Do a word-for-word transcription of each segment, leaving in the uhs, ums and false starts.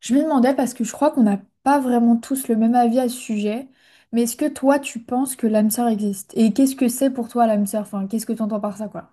Je me demandais parce que je crois qu'on n'a pas vraiment tous le même avis à ce sujet, mais est-ce que toi tu penses que l'âme sœur existe? Et qu'est-ce que c'est pour toi l'âme sœur? Enfin, qu'est-ce que tu entends par ça, quoi?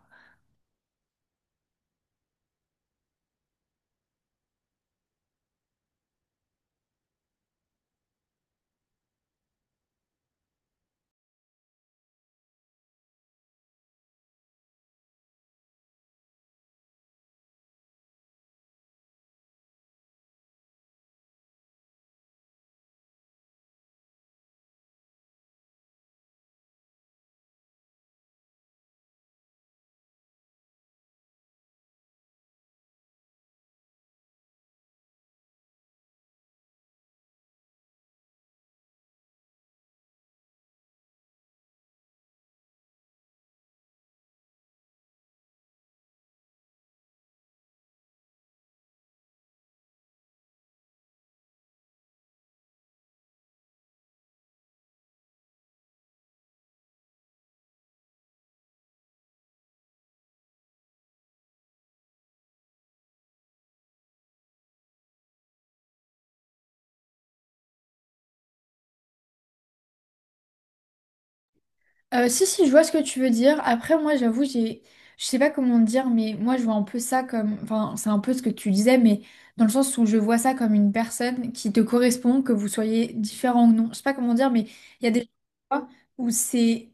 Euh, si, si, je vois ce que tu veux dire. Après, moi, j'avoue, j'ai, je sais pas comment dire, mais moi, je vois un peu ça comme, enfin, c'est un peu ce que tu disais, mais dans le sens où je vois ça comme une personne qui te correspond, que vous soyez différent ou non. Je sais pas comment dire, mais il y a des fois où c'est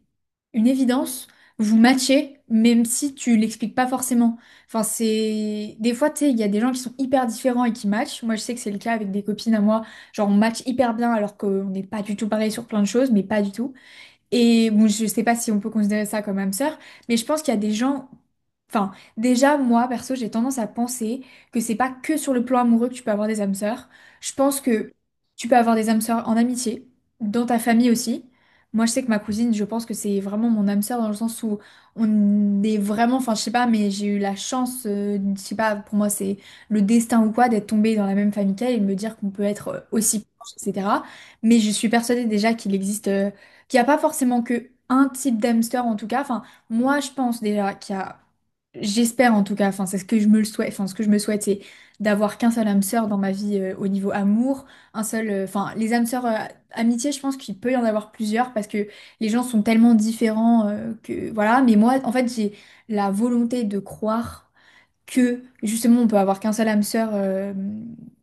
une évidence, vous matchez, même si tu l'expliques pas forcément. Enfin, c'est, des fois, tu sais, il y a des gens qui sont hyper différents et qui matchent. Moi, je sais que c'est le cas avec des copines à moi, genre, on match hyper bien alors qu'on n'est pas du tout pareil sur plein de choses, mais pas du tout. Et bon, je sais pas si on peut considérer ça comme âme sœur, mais je pense qu'il y a des gens. Enfin, déjà, moi, perso, j'ai tendance à penser que c'est pas que sur le plan amoureux que tu peux avoir des âmes sœurs. Je pense que tu peux avoir des âmes sœurs en amitié, dans ta famille aussi. Moi, je sais que ma cousine, je pense que c'est vraiment mon âme sœur dans le sens où on est vraiment. Enfin, je sais pas, mais j'ai eu la chance, euh, je sais pas, pour moi, c'est le destin ou quoi, d'être tombée dans la même famille qu'elle et de me dire qu'on peut être euh, aussi proche, et cetera. Mais je suis persuadée déjà qu'il existe. euh, Qu'il n'y a pas forcément que un type d'hamster en tout cas. Enfin, moi je pense déjà qu'il y a, j'espère en tout cas, enfin c'est ce que je me le souhaite, enfin ce que je me souhaite c'est d'avoir qu'un seul hamster dans ma vie euh, au niveau amour, un seul, euh, enfin les hamsters euh, amitié je pense qu'il peut y en avoir plusieurs parce que les gens sont tellement différents euh, que voilà. Mais moi en fait j'ai la volonté de croire que justement on peut avoir qu'un seul hamster euh,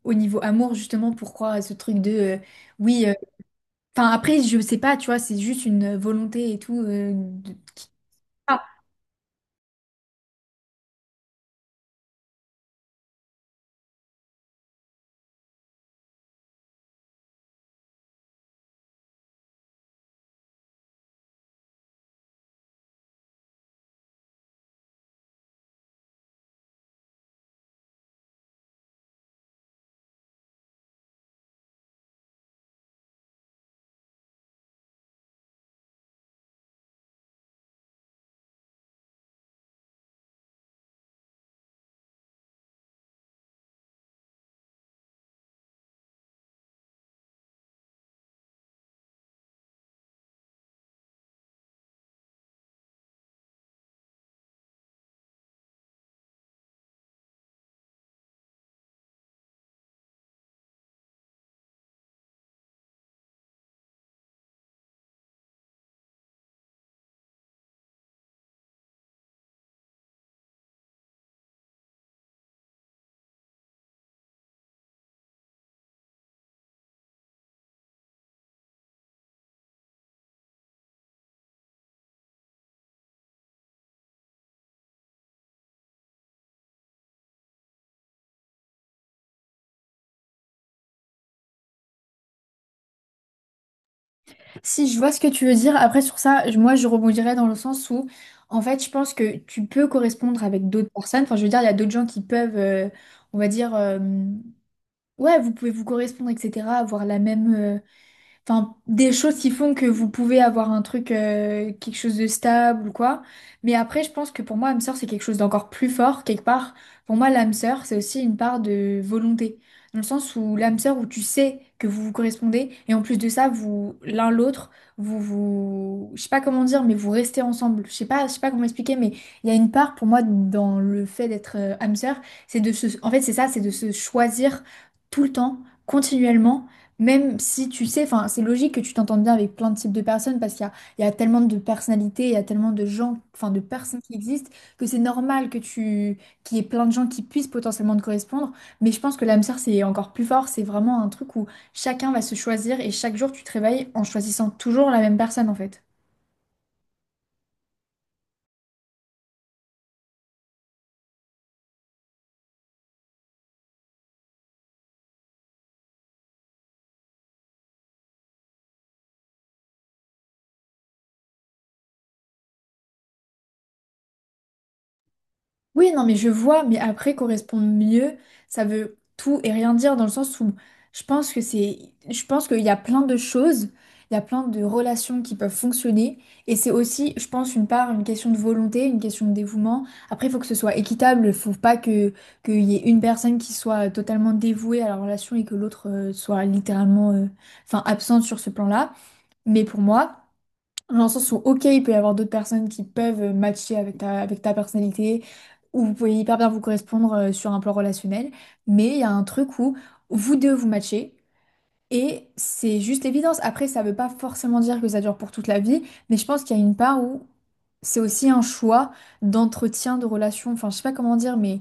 au niveau amour justement pour croire à ce truc de euh, oui. Enfin, après, je sais pas, tu vois, c'est juste une volonté et tout. euh, de- Ah, si, je vois ce que tu veux dire. Après, sur ça, je- moi, je rebondirais dans le sens où, en fait, je pense que tu peux correspondre avec d'autres personnes. Enfin, je veux dire, il y a d'autres gens qui peuvent, euh, on va dire, euh, ouais, vous pouvez vous correspondre, et cetera, avoir la même, euh, enfin, des choses qui font que vous pouvez avoir un truc, euh, quelque chose de stable ou quoi. Mais après, je pense que pour moi, âme sœur, c'est quelque chose d'encore plus fort, quelque part. Pour moi, l'âme sœur, c'est aussi une part de volonté. Dans le sens où l'âme sœur, où tu sais que vous vous correspondez, et en plus de ça, vous, l'un l'autre, vous, vous, je sais pas comment dire, mais vous restez ensemble. Je sais pas, je sais pas comment expliquer, mais il y a une part pour moi dans le fait d'être euh, âme sœur, c'est de se, en fait, c'est ça, c'est de se choisir tout le temps, continuellement même si tu sais, enfin, c'est logique que tu t'entendes bien avec plein de types de personnes parce qu'il y a, il y a tellement de personnalités, il y a tellement de gens, enfin, de personnes qui existent que c'est normal que tu, qu'il y ait plein de gens qui puissent potentiellement te correspondre. Mais je pense que l'âme sœur, c'est encore plus fort. C'est vraiment un truc où chacun va se choisir et chaque jour, tu te réveilles en choisissant toujours la même personne, en fait. Oui, non, mais je vois, mais après, correspondre mieux, ça veut tout et rien dire dans le sens où je pense que c'est, je pense qu'il y a plein de choses, il y a plein de relations qui peuvent fonctionner et c'est aussi, je pense, une part, une question de volonté, une question de dévouement. Après, il faut que ce soit équitable, il faut pas que qu'il y ait une personne qui soit euh, totalement dévouée à la relation et que l'autre euh, soit littéralement, euh, enfin, absente sur ce plan-là. Mais pour moi. Dans le sens où, ok, il peut y avoir d'autres personnes qui peuvent euh, matcher avec ta, avec ta personnalité, ou vous pouvez hyper bien vous correspondre euh, sur un plan relationnel, mais il y a un truc où vous deux vous matchez, et c'est juste l'évidence. Après, ça veut pas forcément dire que ça dure pour toute la vie, mais je pense qu'il y a une part où c'est aussi un choix d'entretien de relation, enfin, je sais pas comment dire, mais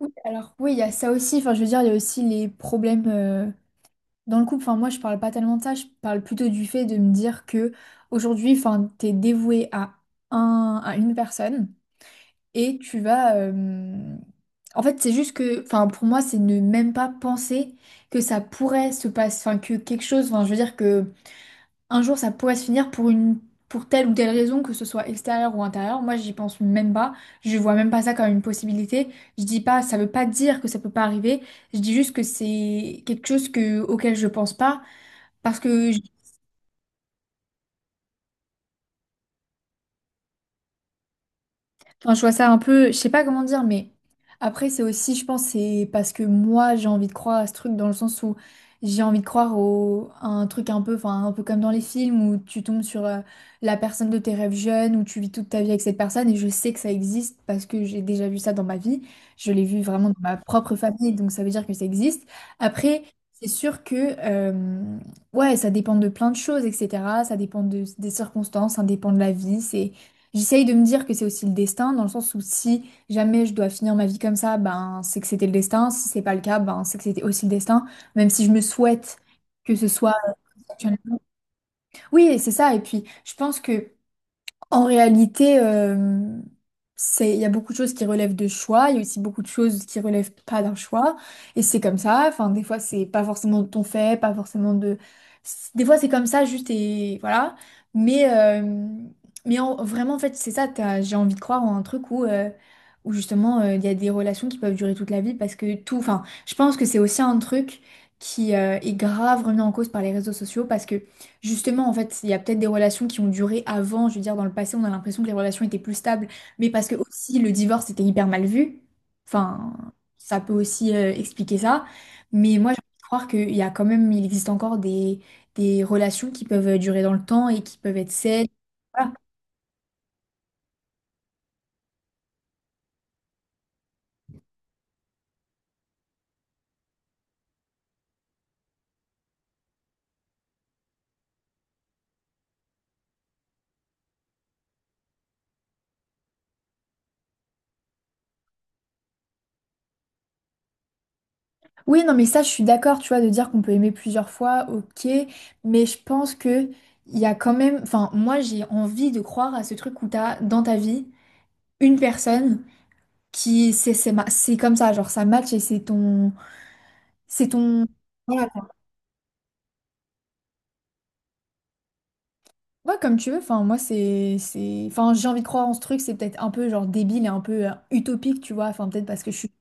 oui, alors oui, il y a ça aussi, enfin, je veux dire, il y a aussi les problèmes. euh, Dans le couple, enfin moi je parle pas tellement de ça, je parle plutôt du fait de me dire que aujourd'hui, enfin t'es dévoué à un, à une personne et tu vas, euh, en fait c'est juste que, enfin pour moi c'est ne même pas penser que ça pourrait se passer, enfin que quelque chose, enfin je veux dire que un jour ça pourrait se finir pour une, pour telle ou telle raison, que ce soit extérieure ou intérieure. Moi j'y pense même pas, je vois même pas ça comme une possibilité. Je dis pas, ça veut pas dire que ça peut pas arriver. Je dis juste que c'est quelque chose que auquel je pense pas parce que je- enfin, je vois ça un peu, je sais pas comment dire, mais après, c'est aussi, je pense, c'est parce que moi, j'ai envie de croire à ce truc dans le sens où j'ai envie de croire au, à un truc un peu, enfin, un peu comme dans les films où tu tombes sur euh, la personne de tes rêves jeunes, où tu vis toute ta vie avec cette personne, et je sais que ça existe parce que j'ai déjà vu ça dans ma vie. Je l'ai vu vraiment dans ma propre famille, donc ça veut dire que ça existe. Après, c'est sûr que, euh, ouais, ça dépend de plein de choses, et cetera. Ça dépend de- des circonstances, ça dépend de la vie, c'est. J'essaye de me dire que c'est aussi le destin, dans le sens où si jamais je dois finir ma vie comme ça, ben c'est que c'était le destin. Si c'est pas le cas, ben c'est que c'était aussi le destin. Même si je me souhaite que ce soit. Oui, et c'est ça. Et puis je pense que en réalité, euh, c'est, il y a beaucoup de choses qui relèvent de choix, il y a aussi beaucoup de choses qui relèvent pas d'un choix, et c'est comme ça. Enfin, des fois, c'est pas forcément de ton fait, pas forcément de. Des fois, c'est comme ça, juste et voilà. Mais, euh, mais en- vraiment, en fait, c'est ça. T'as- J'ai envie de croire en un truc où, euh, où justement, euh, il y a des relations qui peuvent durer toute la vie parce que tout. Enfin, je pense que c'est aussi un truc qui euh, est grave remis en cause par les réseaux sociaux parce que justement, en fait, il y a peut-être des relations qui ont duré avant. Je veux dire, dans le passé, on a l'impression que les relations étaient plus stables, mais parce que aussi le divorce était hyper mal vu. Enfin, ça peut aussi euh, expliquer ça. Mais moi, j'ai envie de croire qu'il y a quand même, il existe encore des, des relations qui peuvent euh, durer dans le temps et qui peuvent être saines. Voilà. Oui, non, mais ça, je suis d'accord, tu vois, de dire qu'on peut aimer plusieurs fois, ok, mais je pense que il y a quand même, enfin, moi, j'ai envie de croire à ce truc où t'as dans ta vie une personne. Qui c'est c'est ma- c'est comme ça genre ça match et c'est ton c'est ton voilà ouais comme tu veux enfin moi c'est c'est enfin j'ai envie de croire en ce truc c'est peut-être un peu genre débile et un peu euh, utopique tu vois enfin peut-être parce que je suis